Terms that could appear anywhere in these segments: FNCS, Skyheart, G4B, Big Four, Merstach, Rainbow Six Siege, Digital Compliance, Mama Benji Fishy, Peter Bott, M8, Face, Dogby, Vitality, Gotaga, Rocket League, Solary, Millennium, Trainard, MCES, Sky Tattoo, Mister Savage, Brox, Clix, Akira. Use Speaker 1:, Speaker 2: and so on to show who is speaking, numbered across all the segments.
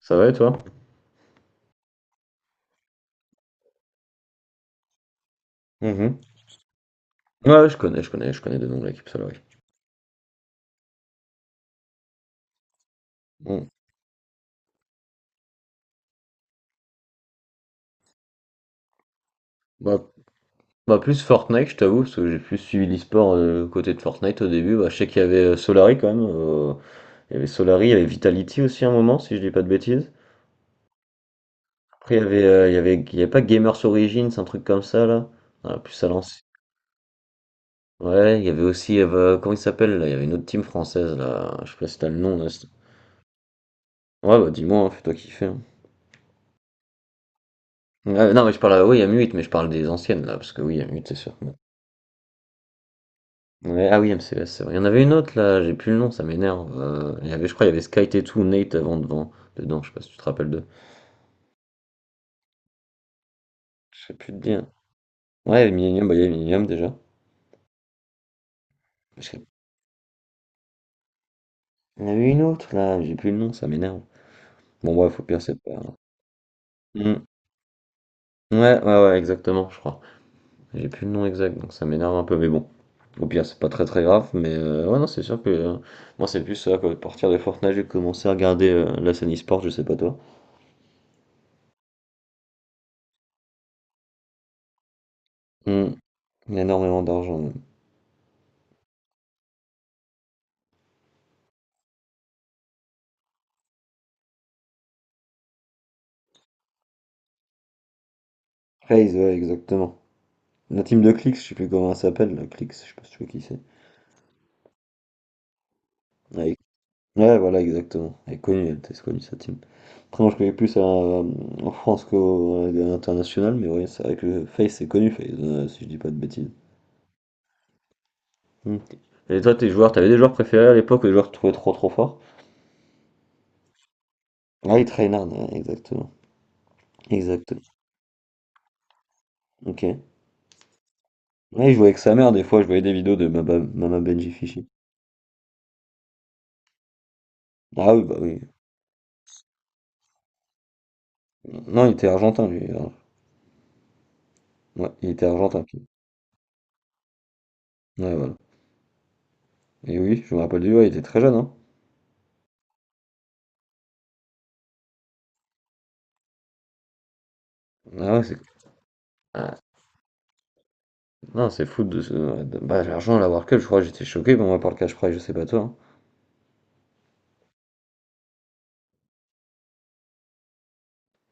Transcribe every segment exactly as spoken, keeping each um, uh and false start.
Speaker 1: Ça va et toi? Mhm. Ouais, je connais, je connais, je connais de nom de l'équipe Solary. Bon. Bah, bah, Plus Fortnite, je t'avoue, parce que j'ai plus suivi l'e-sport euh, côté de Fortnite au début. Bah, je sais qu'il y avait euh, Solary quand même. Euh, il y avait Solary, il y avait Vitality aussi à un moment, si je dis pas de bêtises. Après, il y avait, euh, il y avait, il y avait pas Gamers Origins, un truc comme ça là. Voilà, plus à l'ancienne. Ouais, il y avait aussi, euh, comment il s'appelle là? Il y avait une autre team française là. Je sais pas si t'as le nom là. c'est- Ouais, bah dis-moi, hein, fais-toi kiffer, hein. Ouais, non, mais je parle, oui, il y a M huit, mais je parle des anciennes là, parce que oui, il y a M huit, c'est sûr. Ouais, ah oui, M C E S, c'est vrai. Il y en avait une autre là, j'ai plus le nom, ça m'énerve. Euh, il y avait, je crois, il y avait Sky Tattoo, Nate avant devant, dedans, je sais pas si tu te rappelles d'eux. Je sais plus te dire. Ouais, Millennium, bah il y avait Millennium déjà. Je sais- Il y en avait une autre là, j'ai plus le nom, ça m'énerve. Bon, bref, au pire, c'est pas. Hmm. Ouais, ouais, ouais, exactement, je crois. J'ai plus le nom exact, donc ça m'énerve un peu, mais bon. Au pire, c'est pas très très grave, mais euh, ouais, non, c'est sûr que euh, moi, c'est plus ça, quoi. À partir de Fortnite, j'ai commencé à regarder euh, la scène e-sport, je sais pas toi. Hmm. Il y a énormément d'argent. Phase, ouais, exactement. La team de Clix, je sais plus comment elle s'appelle, la Clix, je sais pas si tu vois qui c'est. Avec- Ouais, voilà, exactement. Elle est connue, elle était connue sa team. Après, moi, je connais plus euh, en France qu'au l'international, mais oui, c'est vrai que Face, c'est connu, Face, euh, si je dis pas de bêtises. Ok. Et toi, tes joueurs, t'avais des joueurs préférés à l'époque, des joueurs que tu trouvais trop trop forts? Ah, il Trainard, ouais, exactement. Exactement. Ok. Ouais, il jouait avec sa mère, des fois, je voyais des vidéos de Mama, Mama Benji Fishy. Ah oui, bah oui. Non, il était argentin, lui, hein. Ouais, il était argentin. puis- Ouais, voilà. Et oui, je me rappelle de lui, ouais, il était très jeune, hein. Ah ouais, c'est. ah, non, c'est fou de ce. de- Bah, l'argent à la World Cup, je crois que j'étais choqué, pour moi, par le cash prize, je sais pas toi, hein.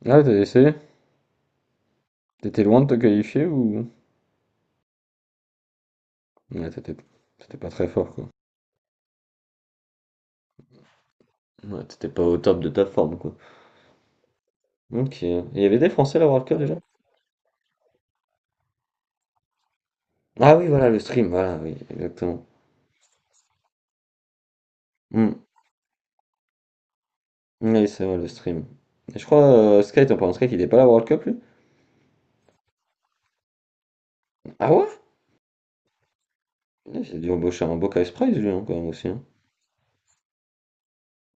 Speaker 1: Ah, t'as essayé? T'étais loin de te qualifier ou. Ouais, t'étais t'étais pas très fort, quoi. Ouais, t'étais pas au top de ta forme, quoi. Ok. Et il y avait des Français à la World Cup déjà? Ah oui, voilà, le stream, voilà, oui, exactement. Hmm. Oui, c'est vrai, le stream. Et je crois, euh, Sky, t'en parles de Sky, il est pas à la World Cup, lui? Ah ouais? Ah, il a dû embaucher un beau cash prize, lui, hein, quand même aussi, hein.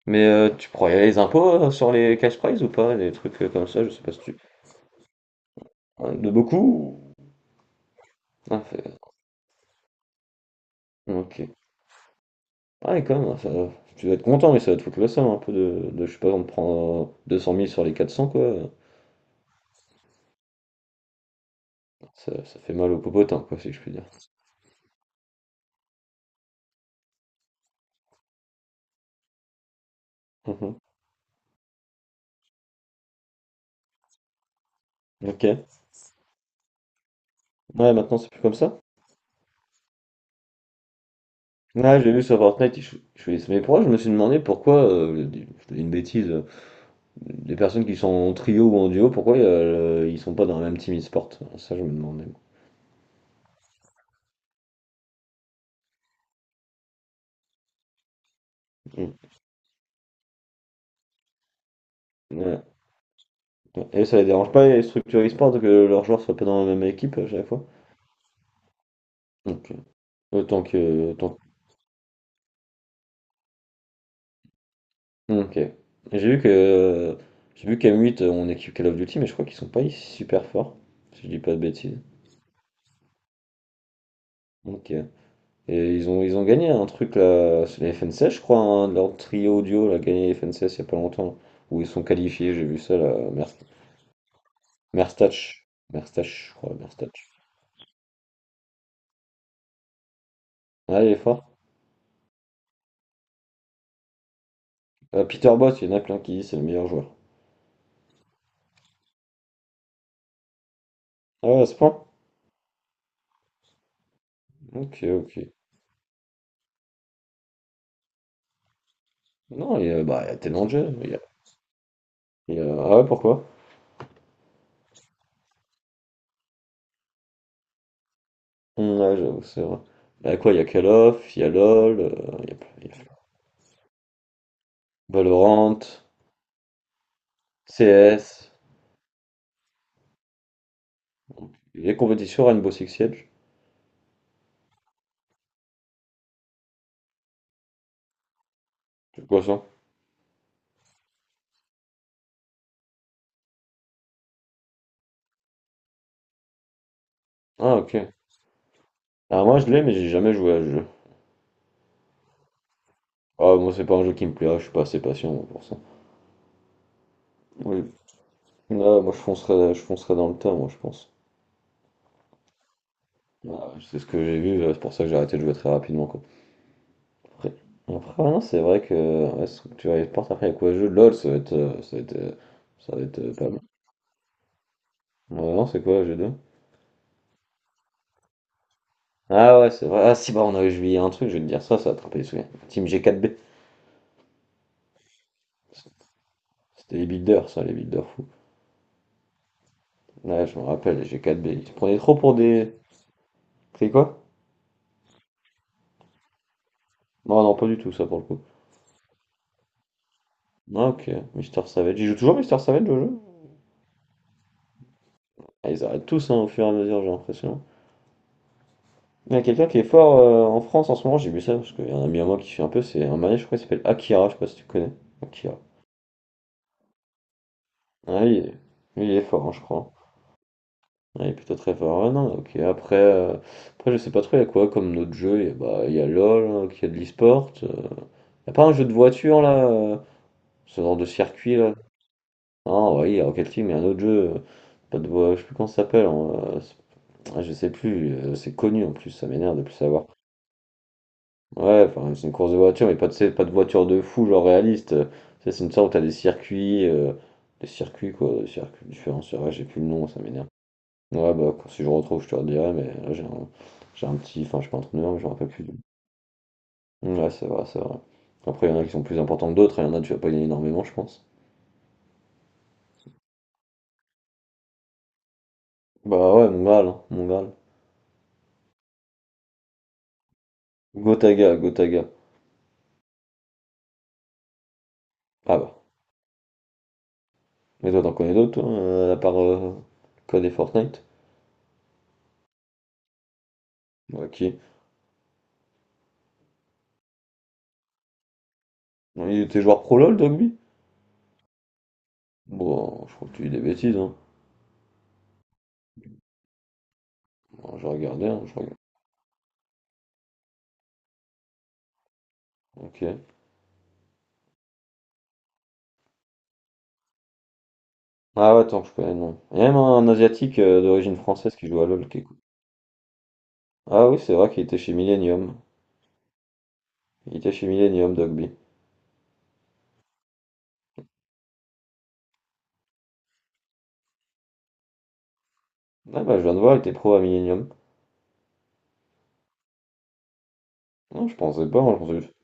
Speaker 1: Mais euh, tu pourrais y aller les impôts euh, sur les cash prizes ou pas? Des trucs euh, comme ça, je sais pas si tu. Hein, de beaucoup? ou- Ah, fait- euh, ok. Ah, et quand même, hein, ça... Tu vas être content, mais ça va te foutre le seum un peu de, de, je sais pas, on te prend euh, deux cent mille sur les quatre cents quoi. Ça, ça fait mal au popotin, quoi, si je puis dire. Mhm. Ok. Ouais, maintenant c'est plus comme ça. Ouais, j'ai vu sur Fortnite, ils chou- ils choisissent. Mais pourquoi je me suis demandé pourquoi, euh, je dis une bêtise, euh, les personnes qui sont en trio ou en duo, pourquoi euh, ils sont pas dans la même team e-sport? Ça, je me demandais. Mm. Ouais, et ça les dérange pas, ils structurent e-sport que leurs joueurs soient pas dans la même équipe à chaque fois. Ok. Autant que. autant- Ok. J'ai vu que. Euh, J'ai vu qu'M huit, on équipe Call of Duty, mais je crois qu'ils sont pas super forts, si je dis pas de bêtises. Ok. Et ils ont, ils ont gagné un truc là, c'est la F N C S, je crois, hein, leur trio audio a gagné la F N C S il y a pas longtemps, où ils sont qualifiés, j'ai vu ça là, Merst- Merstach. Merstach, je crois, Merstach. Ah, il est fort. Euh, Peter Bott, il y en a plein qui disent c'est le meilleur joueur. Ah ouais, à ce point? Ok, ok. Non, il y a, bah, il y a tellement de jeux. Il y a- il y a- Ah ouais, pourquoi? Hum, ouais, j'avoue, c'est vrai. Il y a quoi? Il y a Call of, il y a LoL, euh, il y a, il y a Valorant, C S, les compétitions Rainbow Six Siege. C'est quoi ça? Ah, ok. Alors moi, je l'ai, mais j'ai jamais joué à ce jeu. Ah, moi, c'est pas un jeu qui me plaît, ah, je suis pas assez patient moi, pour ça. Oui. Là, moi, je foncerais, je foncerais dans le tas, moi, je pense. Ah, c'est ce que j'ai vu, euh, c'est pour ça que j'ai arrêté de jouer très rapidement, quoi. Après, après, ouais, non, c'est vrai que ouais, Structure et Sport, après, il y a quoi le jeu? LOL, ça va être, euh, ça va être, euh, ça va être euh, pas mal. Ouais, non, c'est quoi, g deux? Ah ouais, c'est vrai. Ah si, bah, on a oublié un truc, je vais te dire ça, ça va attraper les souvenirs. Team G quatre B. C'était les builders, ça, les builders fous. Ouais, je me rappelle, les G quatre B. Ils se prenaient trop pour des. C'est quoi? Non, non, pas du tout, ça, pour le coup. Ah, ok. Mister Savage. Ils jouent toujours Mister Savage au jeu? Ah, ils arrêtent tous, hein, au fur et à mesure, j'ai l'impression. Il y a quelqu'un qui est fort euh, en France en ce moment, j'ai vu ça, parce qu'il y a un ami à moi qui fait un peu, c'est un manège, je crois, il s'appelle Akira, je sais pas si tu connais. Akira. Ah, il est, il est fort, hein, je crois. Ah, il est plutôt très fort. Ah, non, ok. Après, euh, après, je sais pas trop, il y a quoi comme notre jeu? Il y a, bah, il y a LOL, hein, qui a de l'e-sport. euh. Il y a pas un jeu de voiture, là, euh, ce genre de circuit, là. Ah, oui, il y a Rocket League, mais il y a un autre jeu, euh, pas de voiture, je sais plus comment ça s'appelle, hein, euh, c'est- ah, je sais plus, euh, c'est connu en plus, ça m'énerve de plus savoir. Ouais, enfin, c'est une course de voiture, mais pas de, c'est pas de voiture de fou, genre réaliste. Euh, Ça, c'est une sorte où t'as des circuits, euh, des circuits, quoi, des circuits différents. C'est vrai, j'ai plus le nom, ça m'énerve. Ouais, bah, quand- si je retrouve, je te redirai, mais là, j'ai un, j'ai un petit, enfin, je suis pas entraîneur, mais je me rappelle plus. du- Ouais, c'est vrai, c'est vrai. Après, il y en a qui sont plus importants que d'autres, et il y en a, tu vas pas gagner énormément, je pense. Bah ouais, mon Graal, hein, mon Graal. Gotaga, Gotaga. Ah bah. Mais toi, t'en connais d'autres, toi, euh, à part euh, Code et Fortnite? Ok. Non, il était joueur pro LoL, Dogby? Bon, je crois que tu dis des bêtises, hein. Bon, je regardais, hein, je regarde. Ok. Ah ouais, attends, je connais le nom. Il y a même un Asiatique euh, d'origine française qui joue à LoL qui écoute. Ah oui, c'est vrai qu'il était chez Millennium. Il était chez Millennium, Dogby. Ah bah, je viens de voir, il était pro à Millennium. Non, je pensais pas, moi, je pensais juste,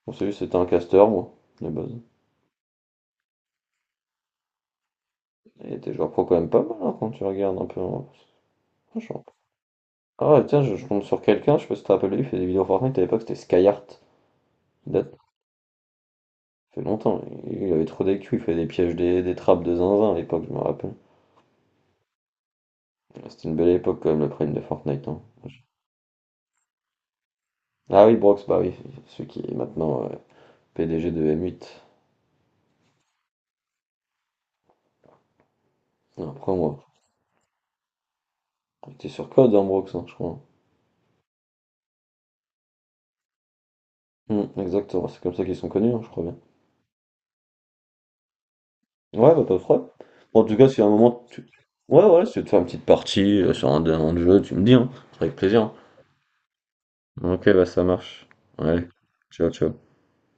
Speaker 1: je pensais juste que c'était un caster, moi, de base. Il était joueur pro quand même pas mal, hein, quand tu regardes un peu, hein. Franchement. Ah ouais, tiens, je, je tombe sur quelqu'un, je sais pas si tu te rappelles, il fait des vidéos Fortnite à l'époque, c'était Skyheart. Il date, ça fait longtemps, il, il avait trop d'E Q, il fait des pièges, des, des trappes de zinzin à l'époque, je me rappelle. Mais c'était une belle époque quand même le prime de Fortnite, hein. Ah oui, Brox, bah oui, celui qui est maintenant euh, P D G de M huit. Après moi, il était sur Code, hein, Brox, hein, je crois. Hmm, exactement, c'est comme ça qu'ils sont connus, hein, je crois bien. Ouais, bah pas de problème. Bon, en tout cas, si à un moment tu... Ouais, ouais, si tu veux te faire une petite partie euh, sur un, un jeu, tu me dis, hein, avec plaisir, hein. Ok, bah ça marche. Ouais, ciao, ciao.